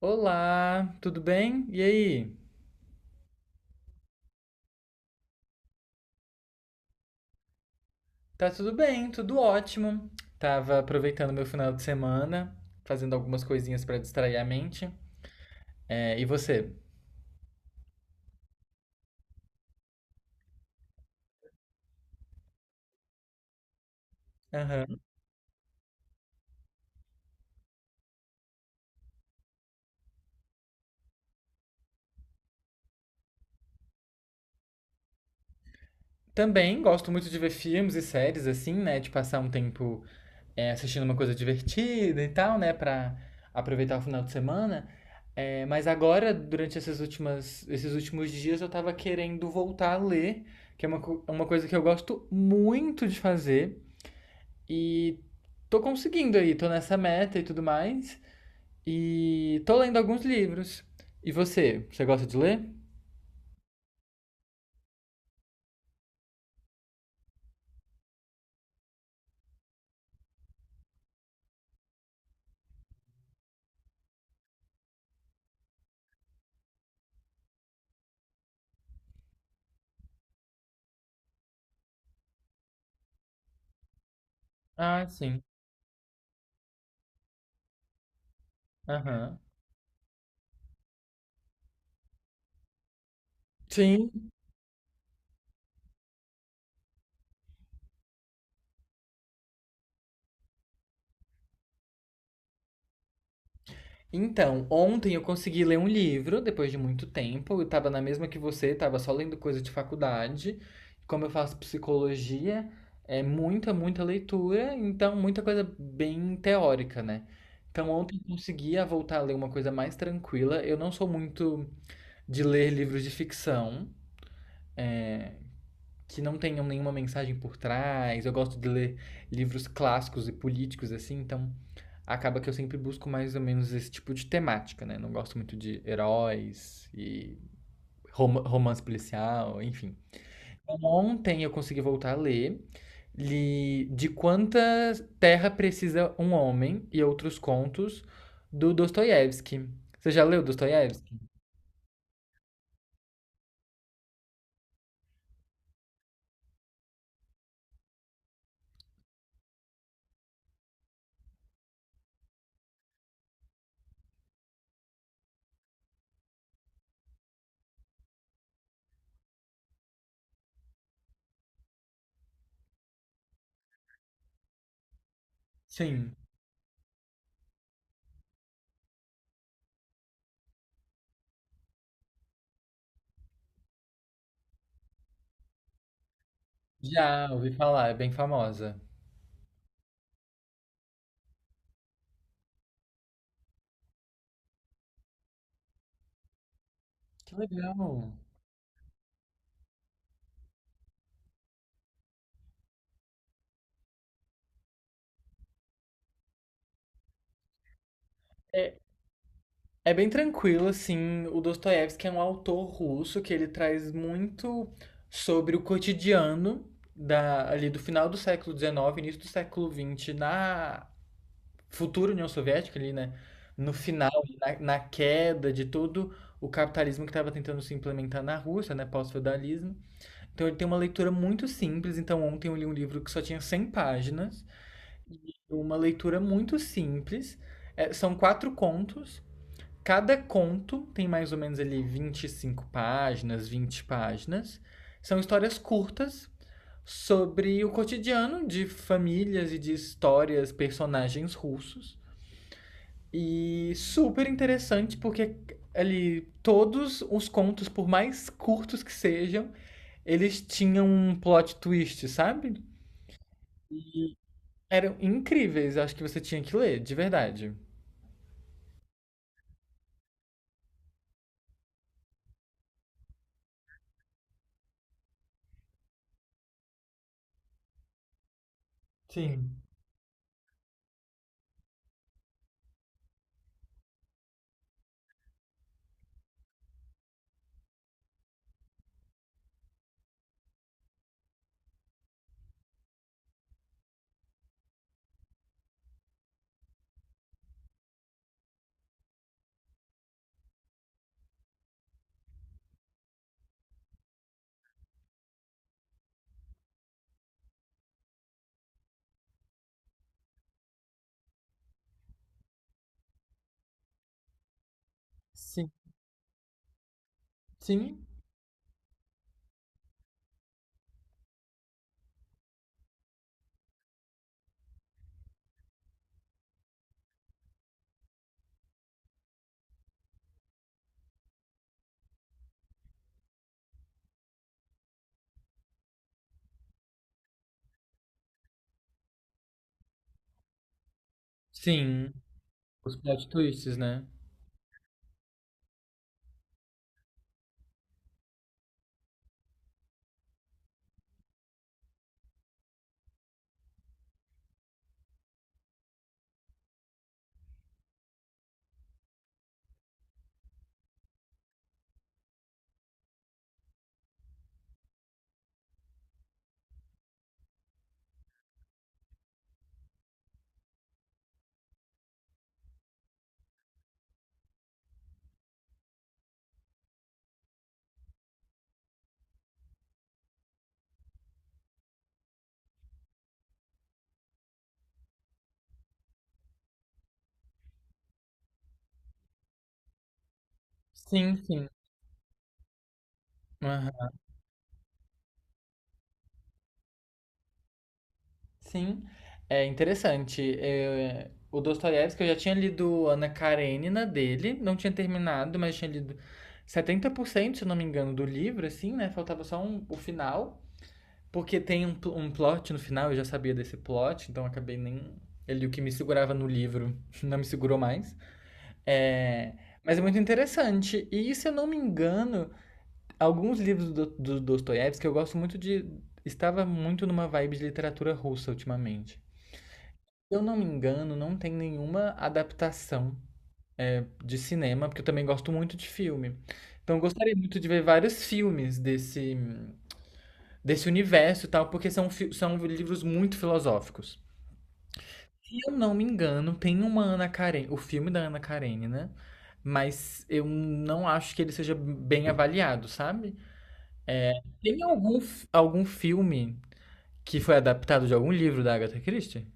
Olá, tudo bem? E aí? Tá tudo bem, tudo ótimo. Tava aproveitando meu final de semana, fazendo algumas coisinhas pra distrair a mente. É, e você? Aham. Também gosto muito de ver filmes e séries assim, né? De passar um tempo assistindo uma coisa divertida e tal, né? Pra aproveitar o final de semana. É, mas agora, durante esses últimos dias, eu tava querendo voltar a ler, que é uma coisa que eu gosto muito de fazer. E tô conseguindo aí, tô nessa meta e tudo mais. E tô lendo alguns livros. E você? Você gosta de ler? Ah, sim. Aham. Sim. Então, ontem eu consegui ler um livro, depois de muito tempo. Eu tava na mesma que você, tava só lendo coisa de faculdade. Como eu faço psicologia, é muita, muita leitura, então muita coisa bem teórica, né? Então, ontem eu conseguia voltar a ler uma coisa mais tranquila. Eu não sou muito de ler livros de ficção que não tenham nenhuma mensagem por trás. Eu gosto de ler livros clássicos e políticos, assim, então acaba que eu sempre busco mais ou menos esse tipo de temática, né? Não gosto muito de heróis e romance policial, enfim. Ontem eu consegui voltar a ler. Li De Quanta Terra Precisa um Homem e Outros Contos, do Dostoiévski. Você já leu Dostoiévski? Sim. Já ouvi falar, é bem famosa. Que legal. É, é bem tranquilo, assim. O Dostoiévski é um autor russo que ele traz muito sobre o cotidiano ali do final do século XIX, início do século XX, na futura União Soviética, ali, né? No final, na queda de todo o capitalismo que estava tentando se implementar na Rússia, né? Pós-feudalismo. Então ele tem uma leitura muito simples. Então ontem eu li um livro que só tinha 100 páginas. Uma leitura muito simples. É, são quatro contos. Cada conto tem mais ou menos ali 25 páginas, 20 páginas. São histórias curtas sobre o cotidiano de famílias e de histórias, personagens russos. E super interessante porque ali todos os contos, por mais curtos que sejam, eles tinham um plot twist, sabe? Eram incríveis, acho que você tinha que ler, de verdade. Sim. Sim. Sim. Sim. Os plot twists, né? Sim, sim. Aham. Sim, é interessante. É, o Dostoiévski, eu já tinha lido Ana Karenina dele, não tinha terminado, mas tinha lido 70% se eu não me engano, do livro, assim, né? Faltava só o final, porque tem um plot no final, eu já sabia desse plot, então acabei nem... Ele, o que me segurava no livro, não me segurou mais. É, mas é muito interessante. E, se eu não me engano, alguns livros do Dostoiévski que eu gosto muito de. Estava muito numa vibe de literatura russa ultimamente. Se eu não me engano, não tem nenhuma adaptação de cinema, porque eu também gosto muito de filme. Então eu gostaria muito de ver vários filmes desse universo e tal, porque são livros muito filosóficos. Se eu não me engano, tem uma Ana Karenina, o filme da Ana Karenina, mas eu não acho que ele seja bem avaliado, sabe? Tem algum filme que foi adaptado de algum livro da Agatha Christie?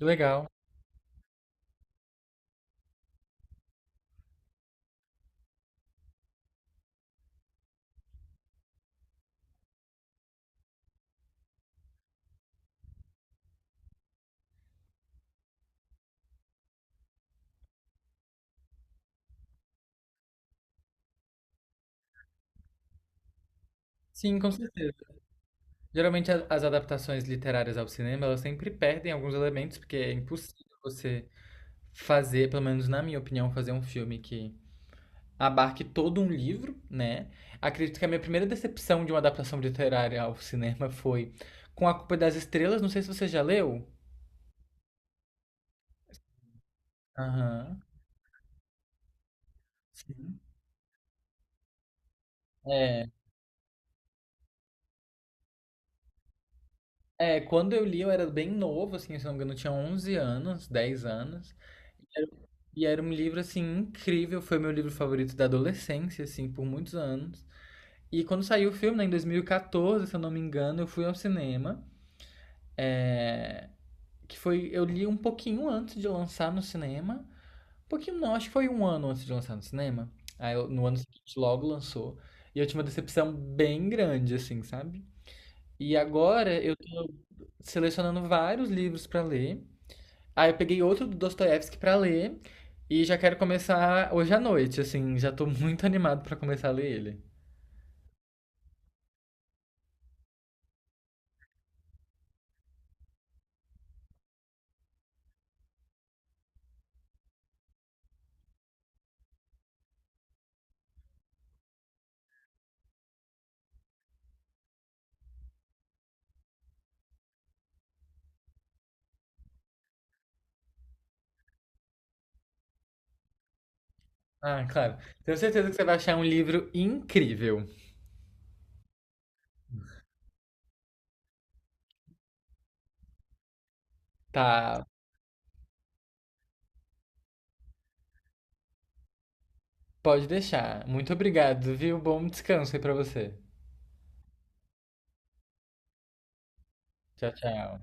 Legal. Sim, com certeza. Geralmente as adaptações literárias ao cinema, elas sempre perdem alguns elementos, porque é impossível você fazer, pelo menos na minha opinião, fazer um filme que abarque todo um livro, né? Acredito que a minha primeira decepção de uma adaptação literária ao cinema foi com A Culpa das Estrelas, não sei se você já leu. Aham. Sim. É, quando eu li eu era bem novo, assim, se não me engano, eu tinha 11 anos, 10 anos. Era. E era um livro, assim, incrível. Foi meu livro favorito da adolescência, assim, por muitos anos. E quando saiu o filme, né, em 2014, se eu não me engano, eu fui ao cinema. é, que foi. Eu li um pouquinho antes de lançar no cinema. Um pouquinho não, acho que foi um ano antes de lançar no cinema. Aí no ano seguinte logo lançou. E eu tive uma decepção bem grande, assim, sabe? E agora eu tô selecionando vários livros pra ler. Aí eu peguei outro do Dostoiévski pra ler e já quero começar hoje à noite, assim, já tô muito animado pra começar a ler ele. Ah, claro. Tenho certeza que você vai achar um livro incrível. Tá, pode deixar. Muito obrigado, viu? Bom descanso aí pra você. Tchau, tchau.